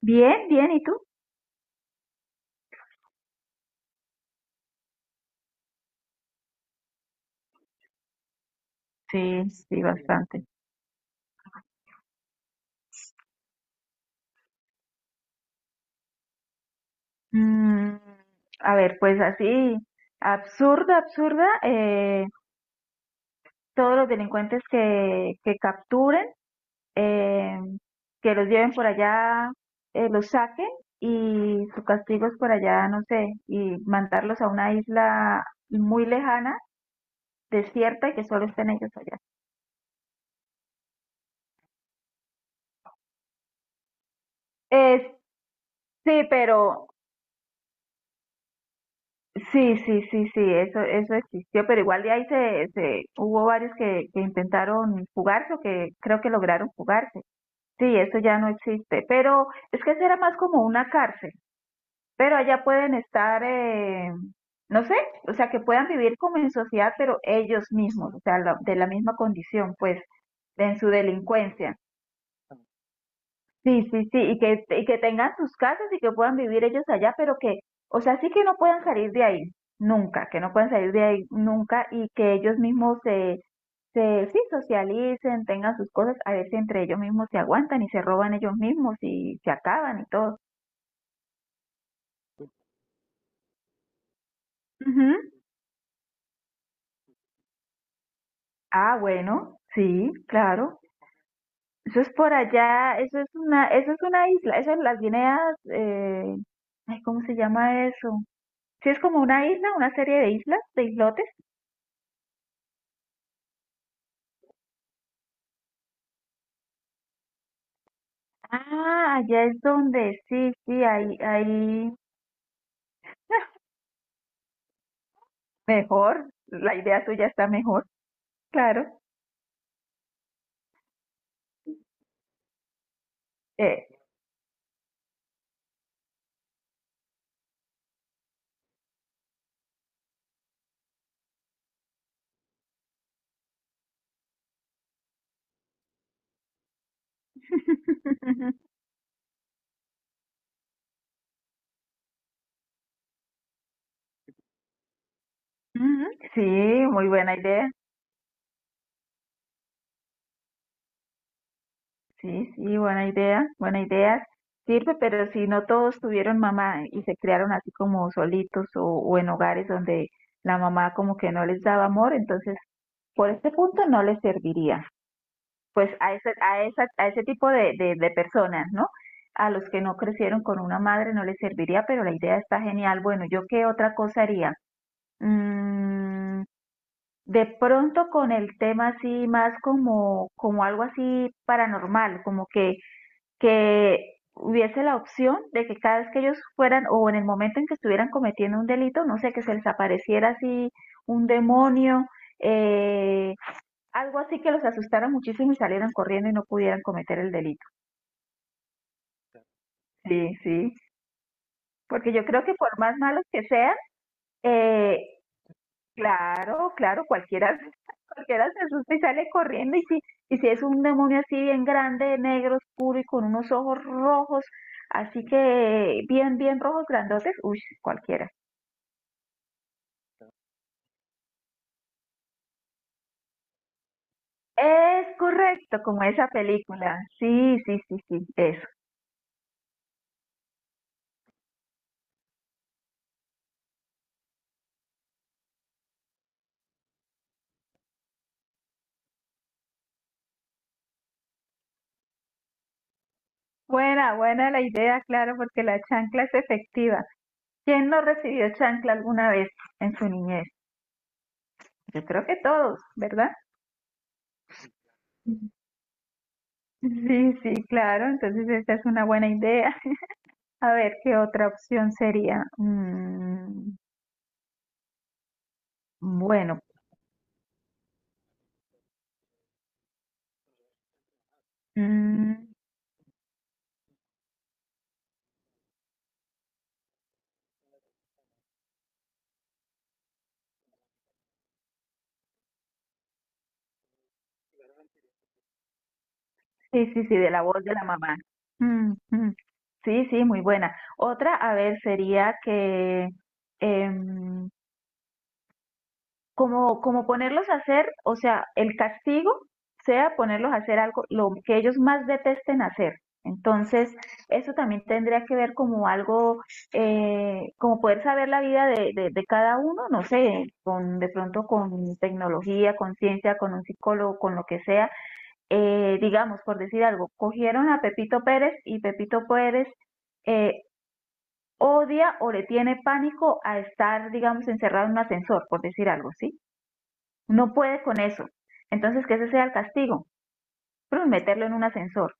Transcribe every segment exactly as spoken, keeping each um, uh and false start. Bien, bien, ¿y tú? Sí, sí, bastante. Mm, a ver, pues así, absurda, absurda, eh, todos los delincuentes que, que capturen, eh, que los lleven por allá, eh, los saquen y su castigo es por allá, no sé, y mandarlos a una isla muy lejana, desierta y que solo estén ellos allá. Eh, sí, pero sí, sí, sí, sí, eso, eso existió, pero igual de ahí se, se hubo varios que, que intentaron jugarse o que creo que lograron jugarse. Sí, eso ya no existe, pero es que eso era más como una cárcel, pero allá pueden estar, eh, no sé, o sea, que puedan vivir como en sociedad, pero ellos mismos, o sea, la- de la misma condición, pues, en su delincuencia. Sí, sí, sí, y que, y que tengan sus casas y que puedan vivir ellos allá, pero que, o sea, sí que no puedan salir de ahí, nunca, que no puedan salir de ahí nunca y que ellos mismos se, se, sí, socialicen, tengan sus cosas, a ver si entre ellos mismos se aguantan y se roban ellos mismos y se acaban y todo. Ujú. Ah, bueno, sí, claro. Eso es por allá, eso es una, eso es una isla, eso es las Guineas, eh, ay, ¿cómo se llama eso? Sí, es como una isla, una serie de islas, de islotes. Ah, allá es donde, sí, sí, ahí, ahí, ah, mejor, la idea tuya está mejor, claro. Eh. Ujú, sí, muy buena idea, sí, sí, buena idea, buena idea. Sirve, pero si no todos tuvieron mamá y se criaron así como solitos o, o en hogares donde la mamá como que no les daba amor, entonces por este punto no les serviría. Pues a ese, a esa, a ese tipo de, de, de personas, ¿no? A los que no crecieron con una madre no les serviría, pero la idea está genial. Bueno, ¿yo qué otra cosa haría? Mm, de pronto con el tema así más como, como algo así paranormal, como que, que hubiese la opción de que cada vez que ellos fueran o en el momento en que estuvieran cometiendo un delito, no sé, que se les apareciera así un demonio, eh, algo así que los asustaron muchísimo y salieron corriendo y no pudieran cometer el delito. Sí, sí. Porque yo creo que por más malos que sean, eh, claro, claro, cualquiera, cualquiera se asusta y sale corriendo. Y si, y si es un demonio así bien grande, negro, oscuro y con unos ojos rojos, así que bien, bien rojos, grandotes, uy, cualquiera. Es correcto, como esa película. Sí, sí, sí, sí, eso. Buena, buena la idea, claro, porque la chancla es efectiva. ¿Quién no recibió chancla alguna vez en su niñez? Yo creo que todos, ¿verdad? Sí, sí, claro. Entonces esa es una buena idea. A ver, ¿qué otra opción sería? Mm, bueno, mm, sí, sí, sí, de la voz de la mamá. Mm, mm. Sí, sí, muy buena. Otra, a ver, sería que em, como, como ponerlos a hacer, o sea, el castigo sea ponerlos a hacer algo, lo que ellos más detesten hacer. Entonces, eso también tendría que ver como algo, eh, como poder saber la vida de, de, de cada uno, no sé, con, de pronto con tecnología, con ciencia, con un psicólogo, con lo que sea. Eh, digamos, por decir algo, cogieron a Pepito Pérez y Pepito Pérez eh, odia o le tiene pánico a estar, digamos, encerrado en un ascensor, por decir algo, ¿sí? No puede con eso. Entonces, que ese sea el castigo. Pero meterlo en un ascensor.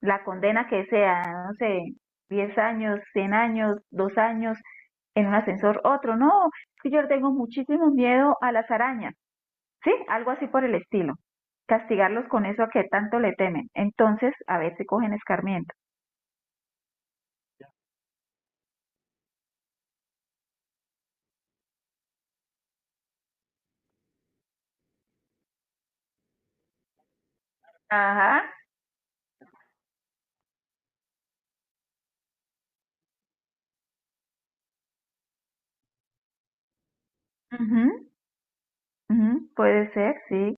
La condena que sea, no sé, diez años, cien años, dos años, en un ascensor, otro. No, que yo tengo muchísimo miedo a las arañas. Sí, algo así por el estilo. Castigarlos con eso a que tanto le temen. Entonces, a ver si cogen escarmiento. Ajá. Ujú, ujú, puede ser, sí.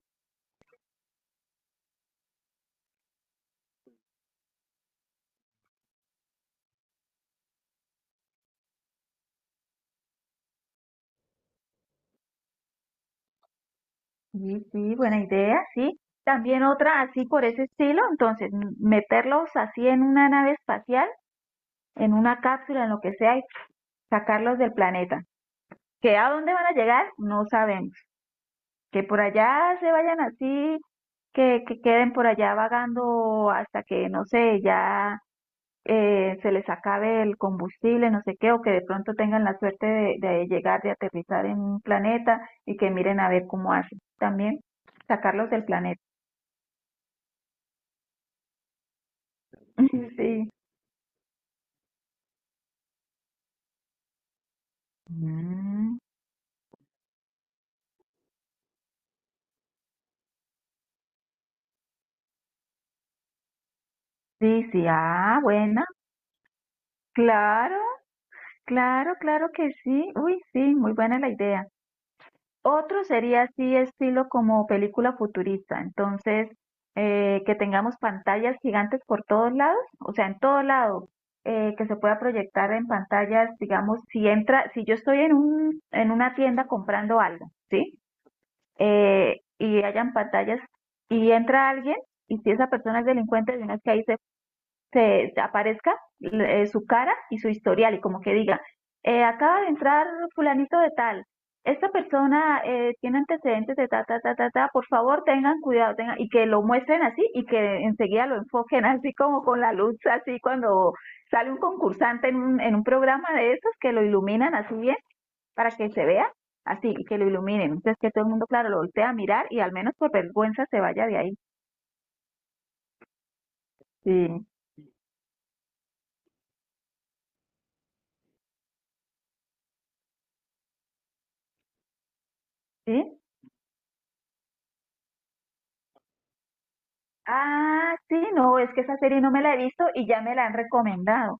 Sí, sí, buena idea, sí. También otra así por ese estilo, entonces m- meterlos así en una nave espacial, en una cápsula, en lo que sea, y sacarlos del planeta. ¿Que a dónde van a llegar? No sabemos. Que por allá se vayan así, que, que queden por allá vagando hasta que, no sé, ya eh, se les acabe el combustible, no sé qué, o que de pronto tengan la suerte de, de llegar, de aterrizar en un planeta y que miren a ver cómo hacen. También sacarlos del planeta. Sí. Mm, sí, sí, ah, buena. Claro, claro, claro que sí. Uy, sí, muy buena la idea. Otro sería así, estilo como película futurista. Entonces, eh, que tengamos pantallas gigantes por todos lados, o sea, en todo lado, eh, que se pueda proyectar en pantallas, digamos, si entra, si yo estoy en un, en una tienda comprando algo, ¿sí? Eh, y hayan pantallas y entra alguien y si esa persona es delincuente, de una vez que ahí se te, te aparezca eh, su cara y su historial y como que diga, eh, acaba de entrar fulanito de tal, esta persona eh, tiene antecedentes de ta, ta, ta, ta, ta, por favor tengan cuidado, tengan, y que lo muestren así y que enseguida lo enfoquen así como con la luz, así cuando sale un concursante en un, en un programa de esos que lo iluminan así bien para que se vea así y que lo iluminen. Entonces que todo el mundo, claro, lo voltea a mirar y al menos por vergüenza se vaya de ahí. Sí, sí. Ah, sí, no, es que esa serie no me la he visto y ya me la han recomendado.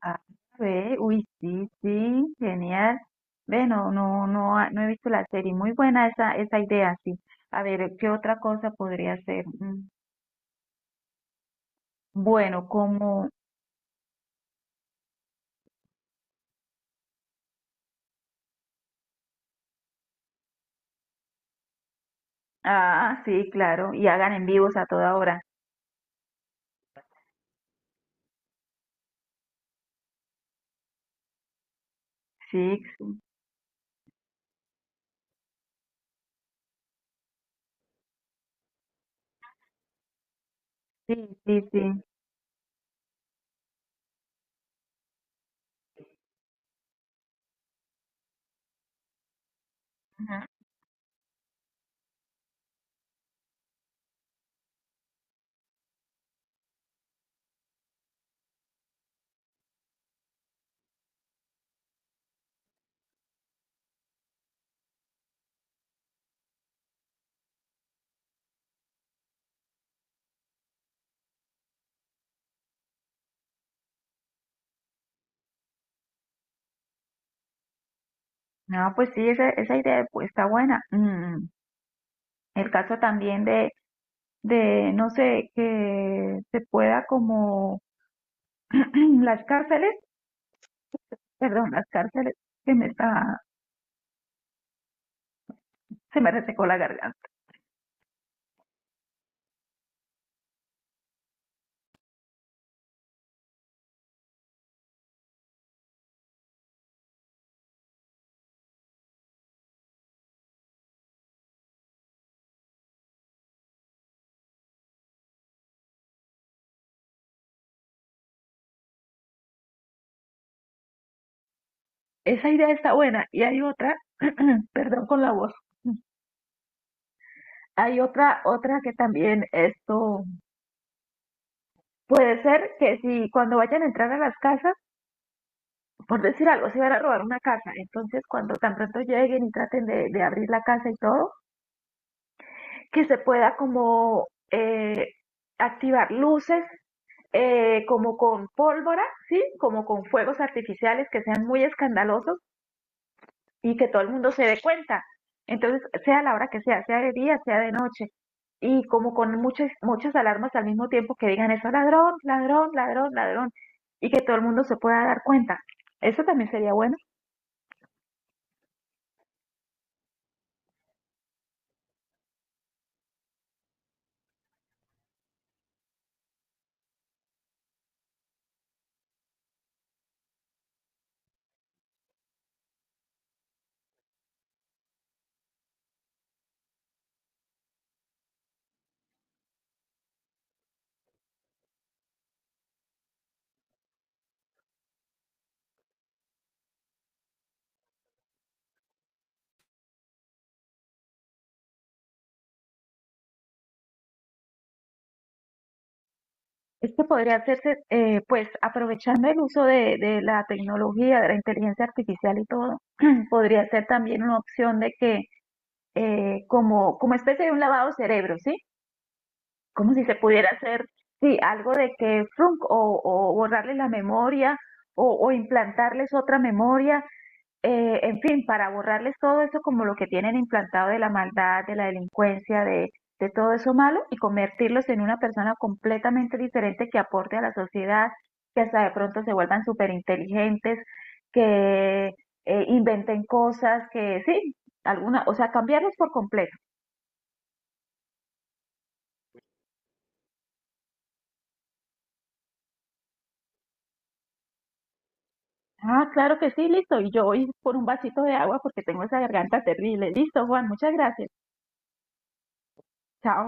Ah, ve, uy, sí, sí, genial. Ve, no, no, no, ha- no he visto la serie. Muy buena esa, esa idea, sí. A ver, ¿qué otra cosa podría ser? Mm, Bueno, como, ah, sí, claro, y hagan en vivos a toda hora. Sí, sí, sí, sí. Ujú. No, pues sí, esa, esa idea pues, está buena. Mm, El caso también de, de, no sé, que se pueda como las cárceles, perdón, las cárceles, que me está, se me resecó la garganta. Esa idea está buena. Y hay otra, perdón con la voz, hay otra, otra que también esto puede ser que si cuando vayan a entrar a las casas, por decir algo, se van a robar una casa, entonces cuando tan pronto lleguen y traten de, de abrir la casa y todo, que se pueda como eh, activar luces eh, como con pólvora, ¿sí? Como con fuegos artificiales que sean muy escandalosos y que todo el mundo se dé cuenta. Entonces, sea la hora que sea, sea de día, sea de noche, y como con muchas, muchas alarmas al mismo tiempo que digan eso, ladrón, ladrón, ladrón, ladrón, y que todo el mundo se pueda dar cuenta. Eso también sería bueno. Esto podría hacerse, eh, pues, aprovechando el uso de, de la tecnología, de la inteligencia artificial y todo, podría ser también una opción de que, eh, como, como especie de un lavado de cerebro, ¿sí? Como si se pudiera hacer, sí, algo de que frunk, o, o borrarles la memoria o, o implantarles otra memoria, eh, en fin, para borrarles todo eso como lo que tienen implantado de la maldad, de la delincuencia, de, de todo eso malo y convertirlos en una persona completamente diferente que aporte a la sociedad, que hasta de pronto se vuelvan súper inteligentes, que eh, inventen cosas, que sí, alguna, o sea, cambiarlos por completo. Ah, claro que sí, listo. Y yo voy por un vasito de agua porque tengo esa garganta terrible. Listo, Juan, muchas gracias. Chao.